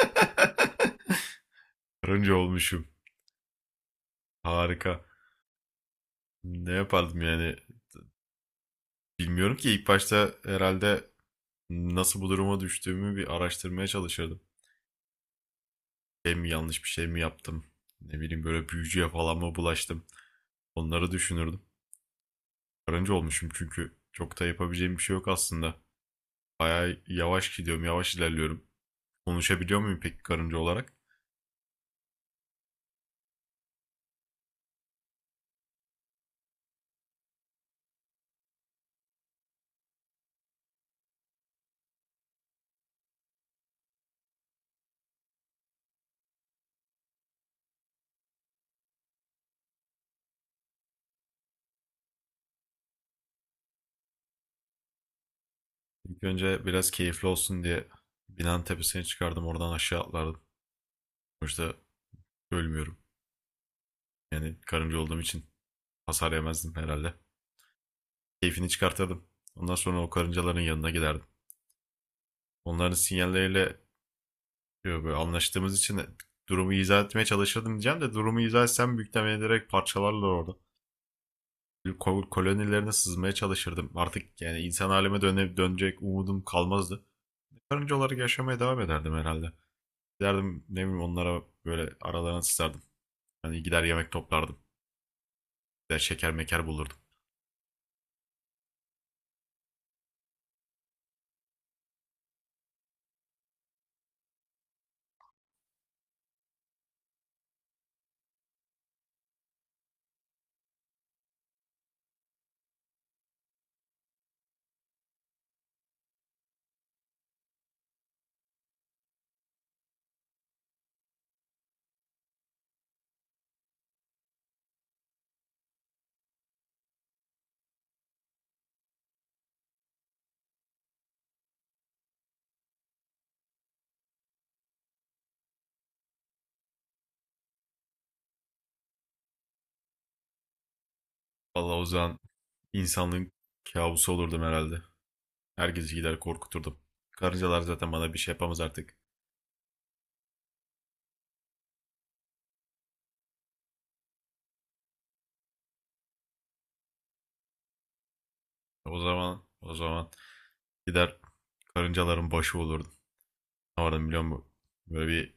Karınca olmuşum. Harika. Ne yapardım yani? Bilmiyorum ki ilk başta herhalde nasıl bu duruma düştüğümü bir araştırmaya çalışırdım. Şey mi Yanlış bir şey mi yaptım? Ne bileyim, böyle büyücüye falan mı bulaştım? Onları düşünürdüm. Karınca olmuşum, çünkü çok da yapabileceğim bir şey yok aslında. Bayağı yavaş gidiyorum, yavaş ilerliyorum. Konuşabiliyor muyum peki karınca olarak? İlk önce biraz keyifli olsun diye binanın tepesine çıkardım, oradan aşağı atlardım. Sonuçta ölmüyorum. Yani karınca olduğum için hasar yemezdim herhalde. Keyfini çıkartırdım. Ondan sonra o karıncaların yanına giderdim. Onların sinyalleriyle böyle anlaştığımız için durumu izah etmeye çalışırdım diyeceğim de, durumu izah etsem büyük ihtimalle direkt parçalarlar orada. Kolonilerine sızmaya çalışırdım. Artık yani insan halime dönecek umudum kalmazdı. Karınca olarak yaşamaya devam ederdim herhalde. Giderdim, ne bileyim, onlara böyle aralarına sızardım. Hani gider yemek toplardım. Gider şeker meker bulurdum. Vallahi o zaman insanlığın kabusu olurdum herhalde. Herkesi gider korkuturdum. Karıncalar zaten bana bir şey yapamaz artık. O zaman gider karıncaların başı olurdum. Ne vardım biliyor musun? Böyle bir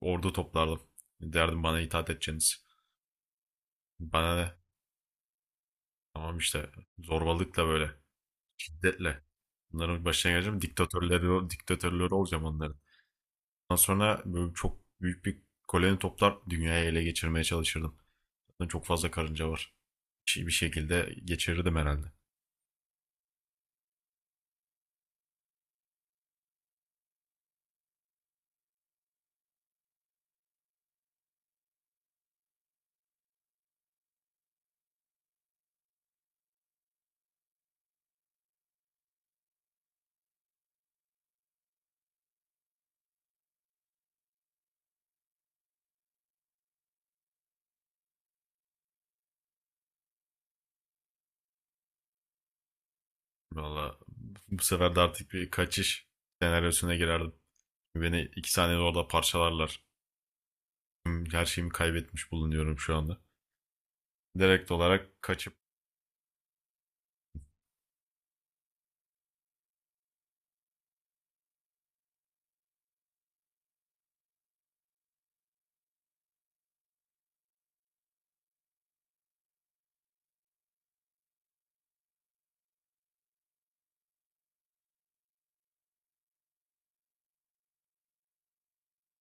ordu toplardım. Derdim bana itaat edeceğiniz. Bana ne? Tamam işte, zorbalıkla, böyle şiddetle. Bunların başına geleceğim. Diktatörleri, diktatörleri olacağım onların. Ondan sonra böyle çok büyük bir koloni toplar, dünyayı ele geçirmeye çalışırdım. Zaten çok fazla karınca var. Bir şekilde geçirirdim herhalde. Valla bu sefer de artık bir kaçış senaryosuna girerdim. Beni iki saniyede orada parçalarlar. Her şeyimi kaybetmiş bulunuyorum şu anda. Direkt olarak kaçıp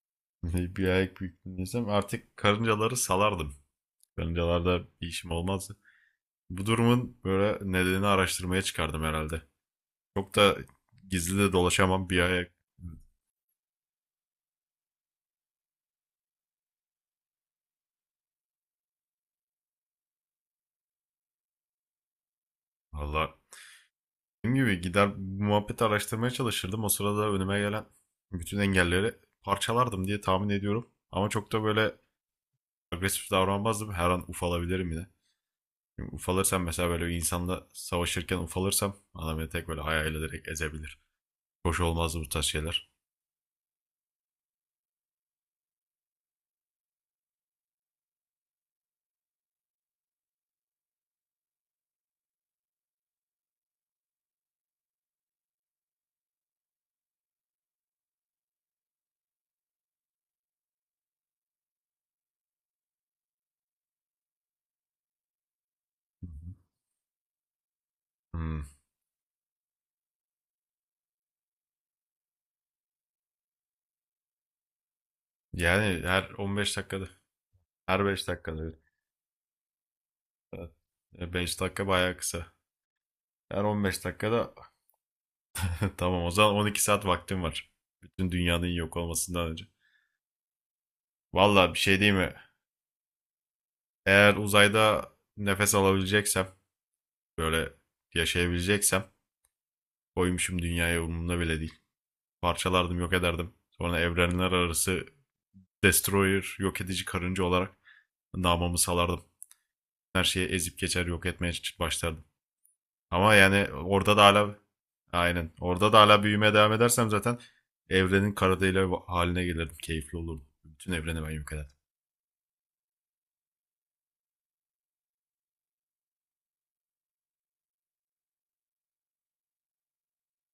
bir ayak büyüklüğündeysem artık karıncaları salardım. Karıncalarda bir işim olmazdı. Bu durumun böyle nedenini araştırmaya çıkardım herhalde. Çok da gizli de dolaşamam bir ayak. Valla, dediğim gibi gider bu muhabbeti araştırmaya çalışırdım. O sırada önüme gelen bütün engelleri parçalardım diye tahmin ediyorum. Ama çok da böyle agresif davranmazdım. Her an ufalabilirim yine. Çünkü ufalırsam, mesela böyle insanla savaşırken ufalırsam, adam beni tek böyle hayal ederek ezebilir. Hoş olmazdı bu tarz şeyler. Hmm. Yani her 15 dakikada. Her 5 dakikada. 5 dakika bayağı kısa. Her 15 dakikada tamam, o zaman 12 saat vaktim var. Bütün dünyanın yok olmasından önce. Valla bir şey değil mi? Eğer uzayda nefes alabileceksem, böyle yaşayabileceksem, koymuşum dünyaya, umurumda bile değil. Parçalardım, yok ederdim. Sonra evrenler arası destroyer, yok edici karınca olarak namımı salardım. Her şeyi ezip geçer, yok etmeye başlardım. Ama yani orada da hala aynen. Orada da hala büyümeye devam edersem zaten evrenin kara delik haline gelirdim. Keyifli olurdu. Bütün evreni ben yok ederdim.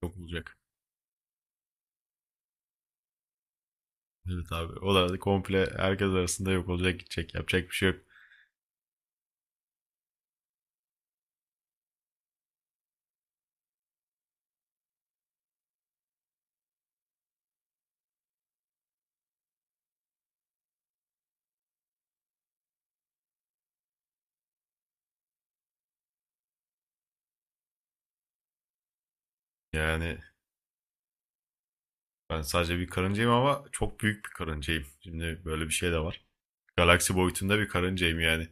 Yok olacak. Evet abi. O da komple herkes arasında yok olacak, gidecek. Yapacak bir şey yok. Yani ben sadece bir karıncayım, ama çok büyük bir karıncayım. Şimdi böyle bir şey de var. Galaksi boyutunda bir karıncayım yani.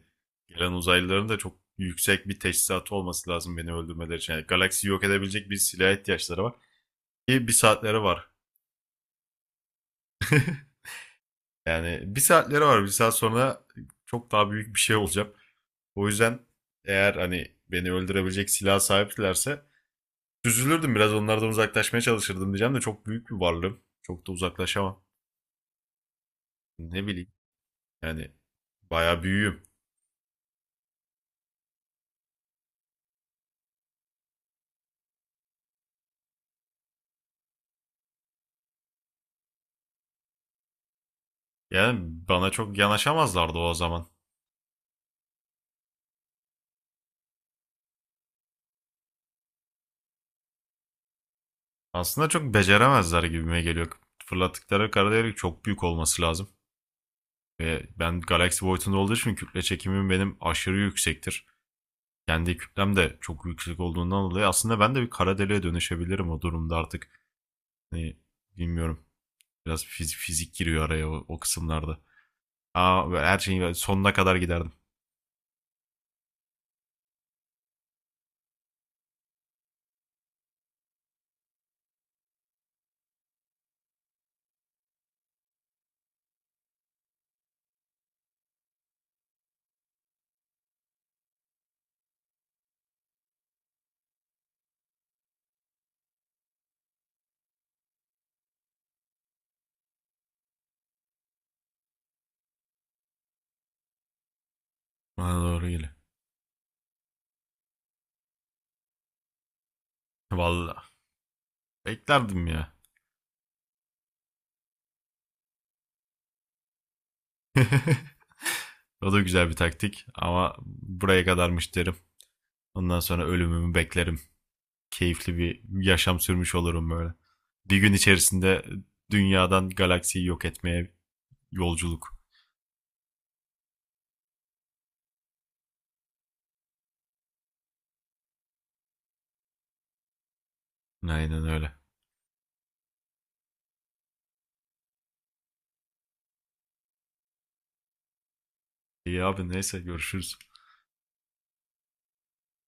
Gelen uzaylıların da çok yüksek bir teçhizatı olması lazım beni öldürmeleri için. Yani galaksiyi yok edebilecek bir silaha ihtiyaçları var. Ki bir saatleri var. Yani bir saatleri var. Bir saat sonra çok daha büyük bir şey olacağım. O yüzden eğer hani beni öldürebilecek silah sahiplerse, süzülürdüm, biraz onlardan uzaklaşmaya çalışırdım diyeceğim de, çok büyük bir varlığım. Çok da uzaklaşamam. Ne bileyim, yani bayağı büyüğüm. Yani bana çok yanaşamazlardı o zaman. Aslında çok beceremezler gibime geliyor. Fırlattıkları kara delik çok büyük olması lazım. Ve ben galaksi boyutunda olduğu için kütle çekimim benim aşırı yüksektir. Kendi kütlem de çok yüksek olduğundan dolayı aslında ben de bir kara deliğe dönüşebilirim o durumda artık. Hani bilmiyorum. Biraz fizik giriyor araya o kısımlarda. Ama böyle her şeyin böyle sonuna kadar giderdim. Bana doğru geliyor. Vallahi beklerdim ya. O da güzel bir taktik ama buraya kadarmış derim. Ondan sonra ölümümü beklerim. Keyifli bir yaşam sürmüş olurum böyle. Bir gün içerisinde dünyadan galaksiyi yok etmeye yolculuk. Aynen öyle. İyi abi, neyse, görüşürüz.